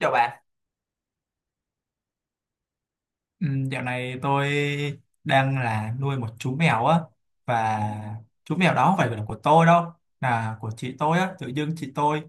Chào bạn. Ừ, dạo này tôi đang là nuôi một chú mèo á, và chú mèo đó không phải là của tôi đâu, là của chị tôi á. Tự dưng chị tôi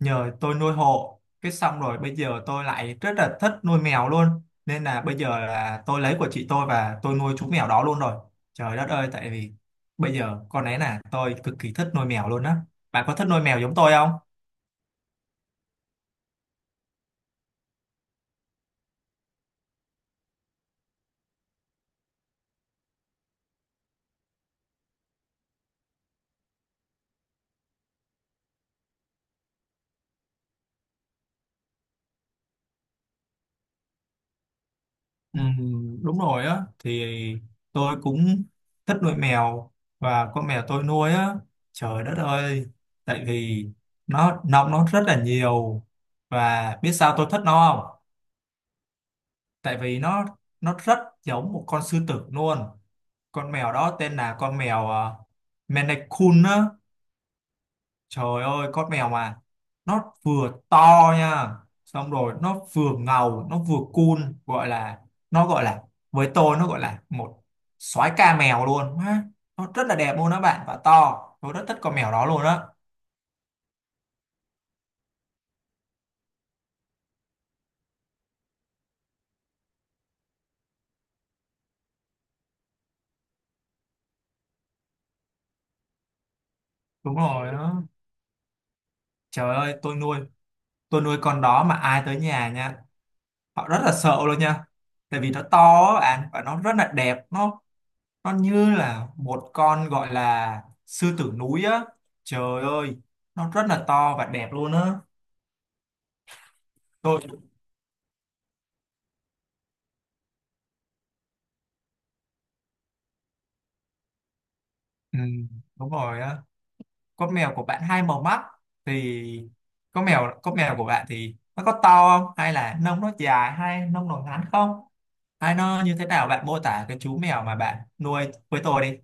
nhờ tôi nuôi hộ, cái xong rồi bây giờ tôi lại rất là thích nuôi mèo luôn, nên là bây giờ là tôi lấy của chị tôi và tôi nuôi chú mèo đó luôn rồi. Trời đất ơi, tại vì bây giờ con ấy là tôi cực kỳ thích nuôi mèo luôn á. Bạn có thích nuôi mèo giống tôi không? Ừ, đúng rồi á, thì tôi cũng thích nuôi mèo, và con mèo tôi nuôi á, trời đất ơi, tại vì nó nọc nó rất là nhiều. Và biết sao tôi thích nó không? Tại vì nó rất giống một con sư tử luôn. Con mèo đó tên là con mèo Maine Coon á. Trời ơi, con mèo mà nó vừa to nha, xong rồi nó vừa ngầu, nó vừa cool, gọi là, nó gọi là, với tôi nó gọi là một soái ca mèo luôn ha. Nó rất là đẹp luôn đó bạn và to. Tôi rất thích con mèo đó luôn á. Đúng rồi đó. Trời ơi, tôi nuôi con đó mà ai tới nhà nha, họ rất là sợ luôn nha. Tại vì nó to á bạn, và nó rất là đẹp, nó như là một con gọi là sư tử núi á, trời ơi, nó rất là to và đẹp luôn á. tôi ừ, đúng rồi á, con mèo của bạn hai màu mắt, thì con mèo của bạn thì nó có to không, hay là nông nó dài, hay nông nó ngắn không, hay nó như thế nào? Bạn mô tả cái chú mèo mà bạn nuôi với tôi đi.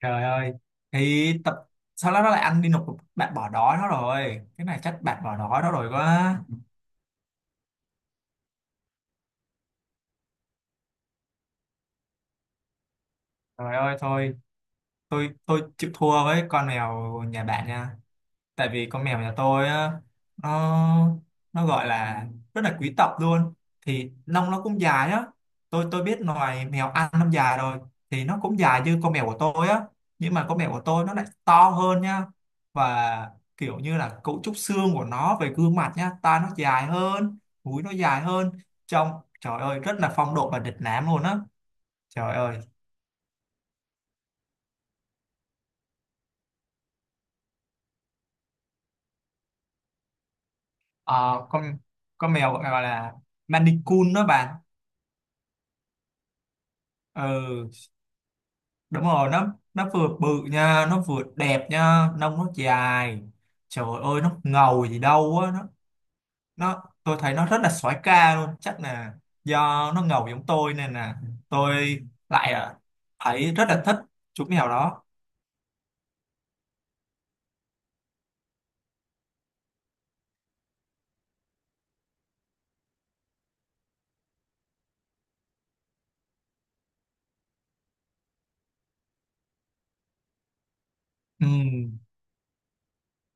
Trời ơi thì tập, sau đó nó lại ăn đi nộp. Bạn bỏ đói nó rồi, cái này chắc bạn bỏ đói nó rồi quá. Trời ơi thôi, tôi chịu thua với con mèo nhà bạn nha. Tại vì con mèo nhà tôi á, nó nó gọi là rất là quý tộc luôn, thì lông nó cũng dài á. Tôi biết loài mèo ăn lông dài rồi, thì nó cũng dài như con mèo của tôi á. Nhưng mà con mèo của tôi nó lại to hơn nha, và kiểu như là cấu trúc xương của nó về gương mặt nha, tai nó dài hơn, mũi nó dài hơn, trông trời ơi rất là phong độ và lịch lãm luôn á. Trời ơi. Ờ, con mèo gọi là Maine đó bạn. Ừ, đúng rồi, nó vừa bự nha, nó vừa đẹp nha, nông nó dài, trời ơi nó ngầu gì đâu á. Nó Tôi thấy nó rất là soái ca luôn, chắc là do nó ngầu giống tôi, nên là tôi lại thấy rất là thích chú mèo đó. Ừ,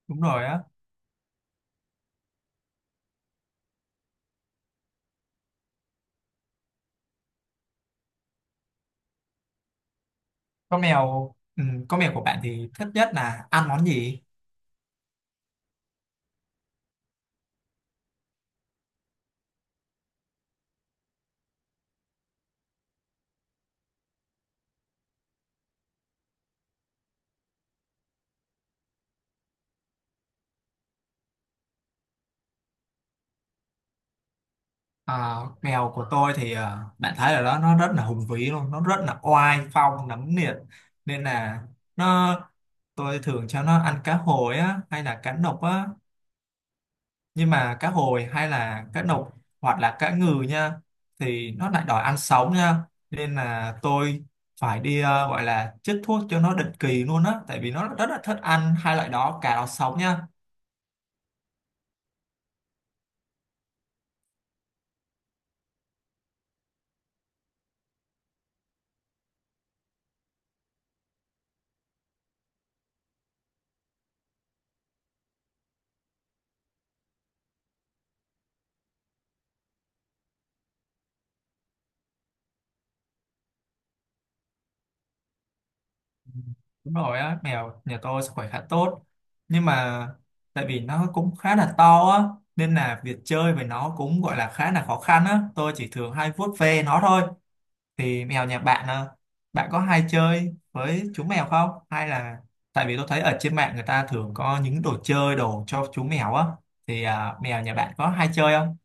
đúng rồi á. con mèo con mèo của bạn thì thích nhất là ăn món gì? À, mèo của tôi thì bạn thấy ở đó nó rất là hùng vĩ luôn, nó rất là oai phong nấm liệt, nên là nó tôi thường cho nó ăn cá hồi á, hay là cá nục á, nhưng mà cá hồi hay là cá nục, hoặc là cá ngừ nha, thì nó lại đòi ăn sống nha. Nên là tôi phải đi, gọi là chích thuốc cho nó định kỳ luôn á, tại vì nó rất là thích ăn hai loại đó, cá đó sống nha. Đúng rồi á, mèo nhà tôi sức khỏe khá tốt. Nhưng mà tại vì nó cũng khá là to á, nên là việc chơi với nó cũng gọi là khá là khó khăn á. Tôi chỉ thường hay vuốt ve nó thôi. Thì mèo nhà bạn, bạn có hay chơi với chú mèo không? Hay là, tại vì tôi thấy ở trên mạng người ta thường có những đồ chơi, đồ cho chú mèo á. Thì mèo nhà bạn có hay chơi không?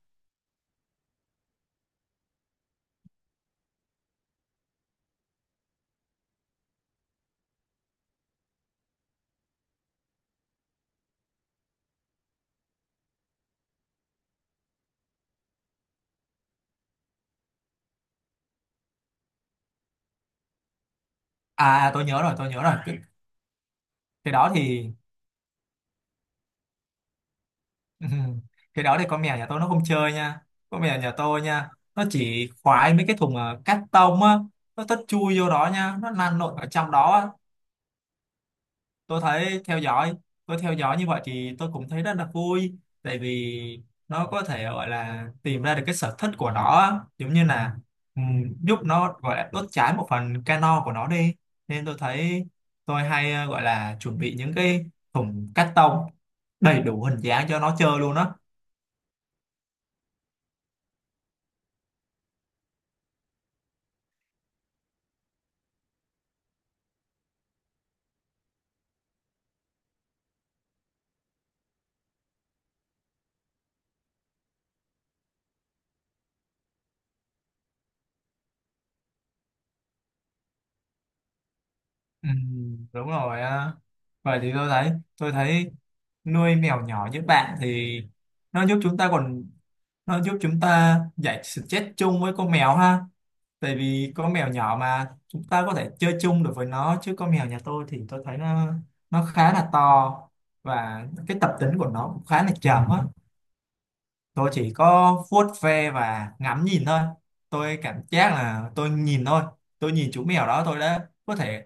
À, tôi nhớ rồi, tôi nhớ rồi. Cái đó thì ừ. Cái đó thì con mèo nhà tôi nó không chơi nha, con mèo nhà tôi nha, nó chỉ khoái mấy cái thùng cắt tông á. Nó tất chui vô đó nha, nó lăn lộn ở trong đó á. tôi thấy theo dõi tôi theo dõi như vậy thì tôi cũng thấy rất là vui, tại vì nó có thể gọi là tìm ra được cái sở thích của nó á. Giống như là giúp nó gọi là đốt cháy một phần cano của nó đi, nên tôi thấy tôi hay gọi là chuẩn bị những cái thùng cắt tông đầy đủ hình dáng cho nó chơi luôn á. Ừ, đúng rồi á. Vậy thì tôi thấy nuôi mèo nhỏ như bạn thì nó giúp chúng ta còn nó giúp chúng ta giải stress chung với con mèo ha. Tại vì con mèo nhỏ mà chúng ta có thể chơi chung được với nó, chứ con mèo nhà tôi thì tôi thấy nó khá là to, và cái tập tính của nó cũng khá là trầm á. Tôi chỉ có vuốt ve và ngắm nhìn thôi. Tôi cảm giác là tôi nhìn thôi, tôi nhìn chú mèo đó, tôi đã có thể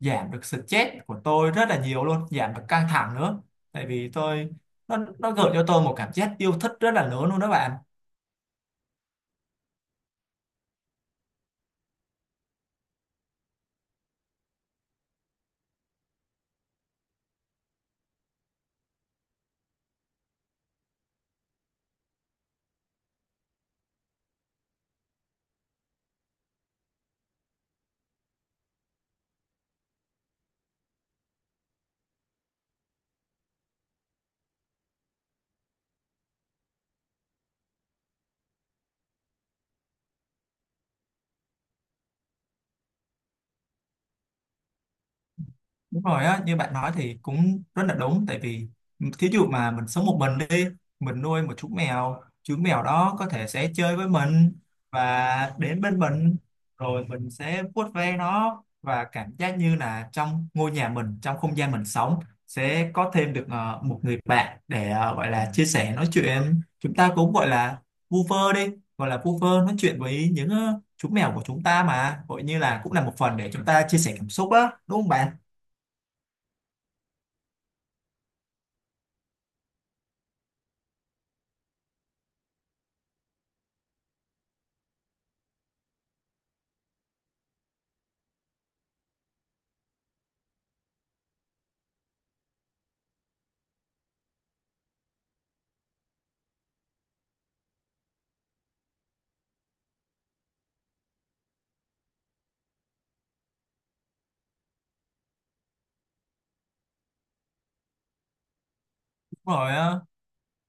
giảm được stress của tôi rất là nhiều luôn, giảm được căng thẳng nữa. Tại vì tôi nó gợi cho tôi một cảm giác yêu thích rất là lớn luôn đó bạn. Đúng rồi á, như bạn nói thì cũng rất là đúng. Tại vì thí dụ mà mình sống một mình đi, mình nuôi một chú mèo đó có thể sẽ chơi với mình và đến bên mình, rồi mình sẽ vuốt ve nó, và cảm giác như là trong ngôi nhà mình, trong không gian mình sống, sẽ có thêm được một người bạn để gọi là chia sẻ nói chuyện. Chúng ta cũng gọi là vu vơ đi, gọi là vu vơ nói chuyện với những chú mèo của chúng ta, mà gọi như là cũng là một phần để chúng ta chia sẻ cảm xúc á, đúng không bạn? Đúng rồi á,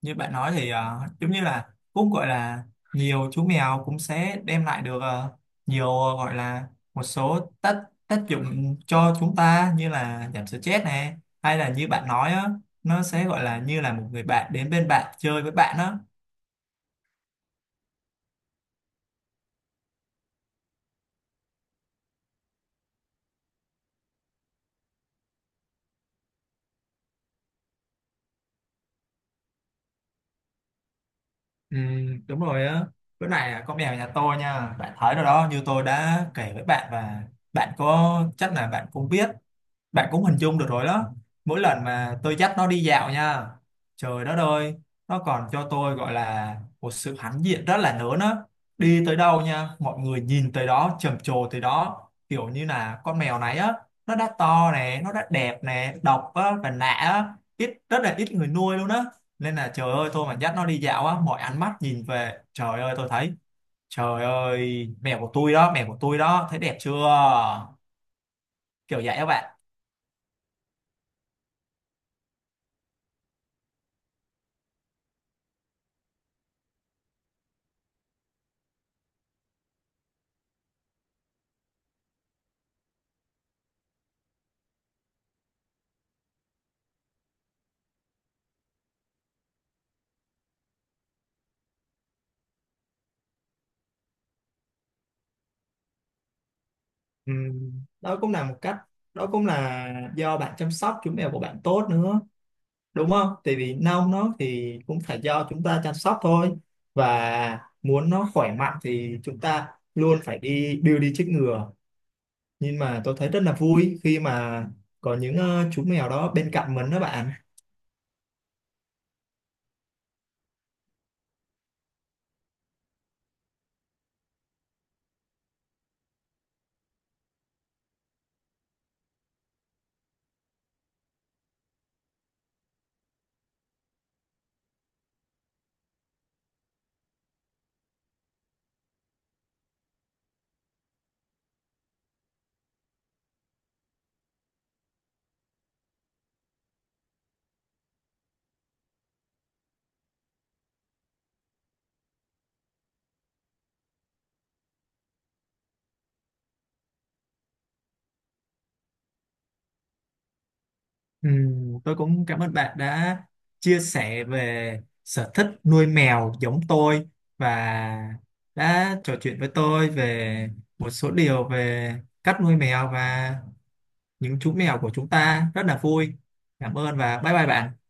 như bạn nói thì giống như là cũng gọi là nhiều chú mèo cũng sẽ đem lại được nhiều gọi là một số tác tác dụng cho chúng ta, như là giảm stress này, hay là như bạn nói á, nó sẽ gọi là như là một người bạn đến bên bạn chơi với bạn á. Ừ, đúng rồi á. Bữa này là con mèo nhà tôi nha, bạn thấy rồi đó, như tôi đã kể với bạn, và bạn có chắc là bạn cũng biết, bạn cũng hình dung được rồi đó. Mỗi lần mà tôi dắt nó đi dạo nha, trời đất ơi, nó còn cho tôi gọi là một sự hãnh diện rất là lớn á. Đi tới đâu nha mọi người nhìn tới đó, trầm trồ tới đó, kiểu như là con mèo này á, nó đã to nè, nó đã đẹp nè, độc á và lạ á, ít, rất là ít người nuôi luôn á. Nên là trời ơi, tôi mà dắt nó đi dạo á, mọi ánh mắt nhìn về, trời ơi tôi thấy, trời ơi mèo của tôi đó, mèo của tôi đó, thấy đẹp chưa, kiểu vậy các bạn. Ừ, đó cũng là một cách, đó cũng là do bạn chăm sóc chú mèo của bạn tốt nữa, đúng không? Tại vì nông nó thì cũng phải do chúng ta chăm sóc thôi, và muốn nó khỏe mạnh thì chúng ta luôn phải đi đưa đi chích ngừa. Nhưng mà tôi thấy rất là vui khi mà có những chú mèo đó bên cạnh mình đó bạn. Ừ, tôi cũng cảm ơn bạn đã chia sẻ về sở thích nuôi mèo giống tôi, và đã trò chuyện với tôi về một số điều về cách nuôi mèo và những chú mèo của chúng ta. Rất là vui. Cảm ơn và bye bye bạn.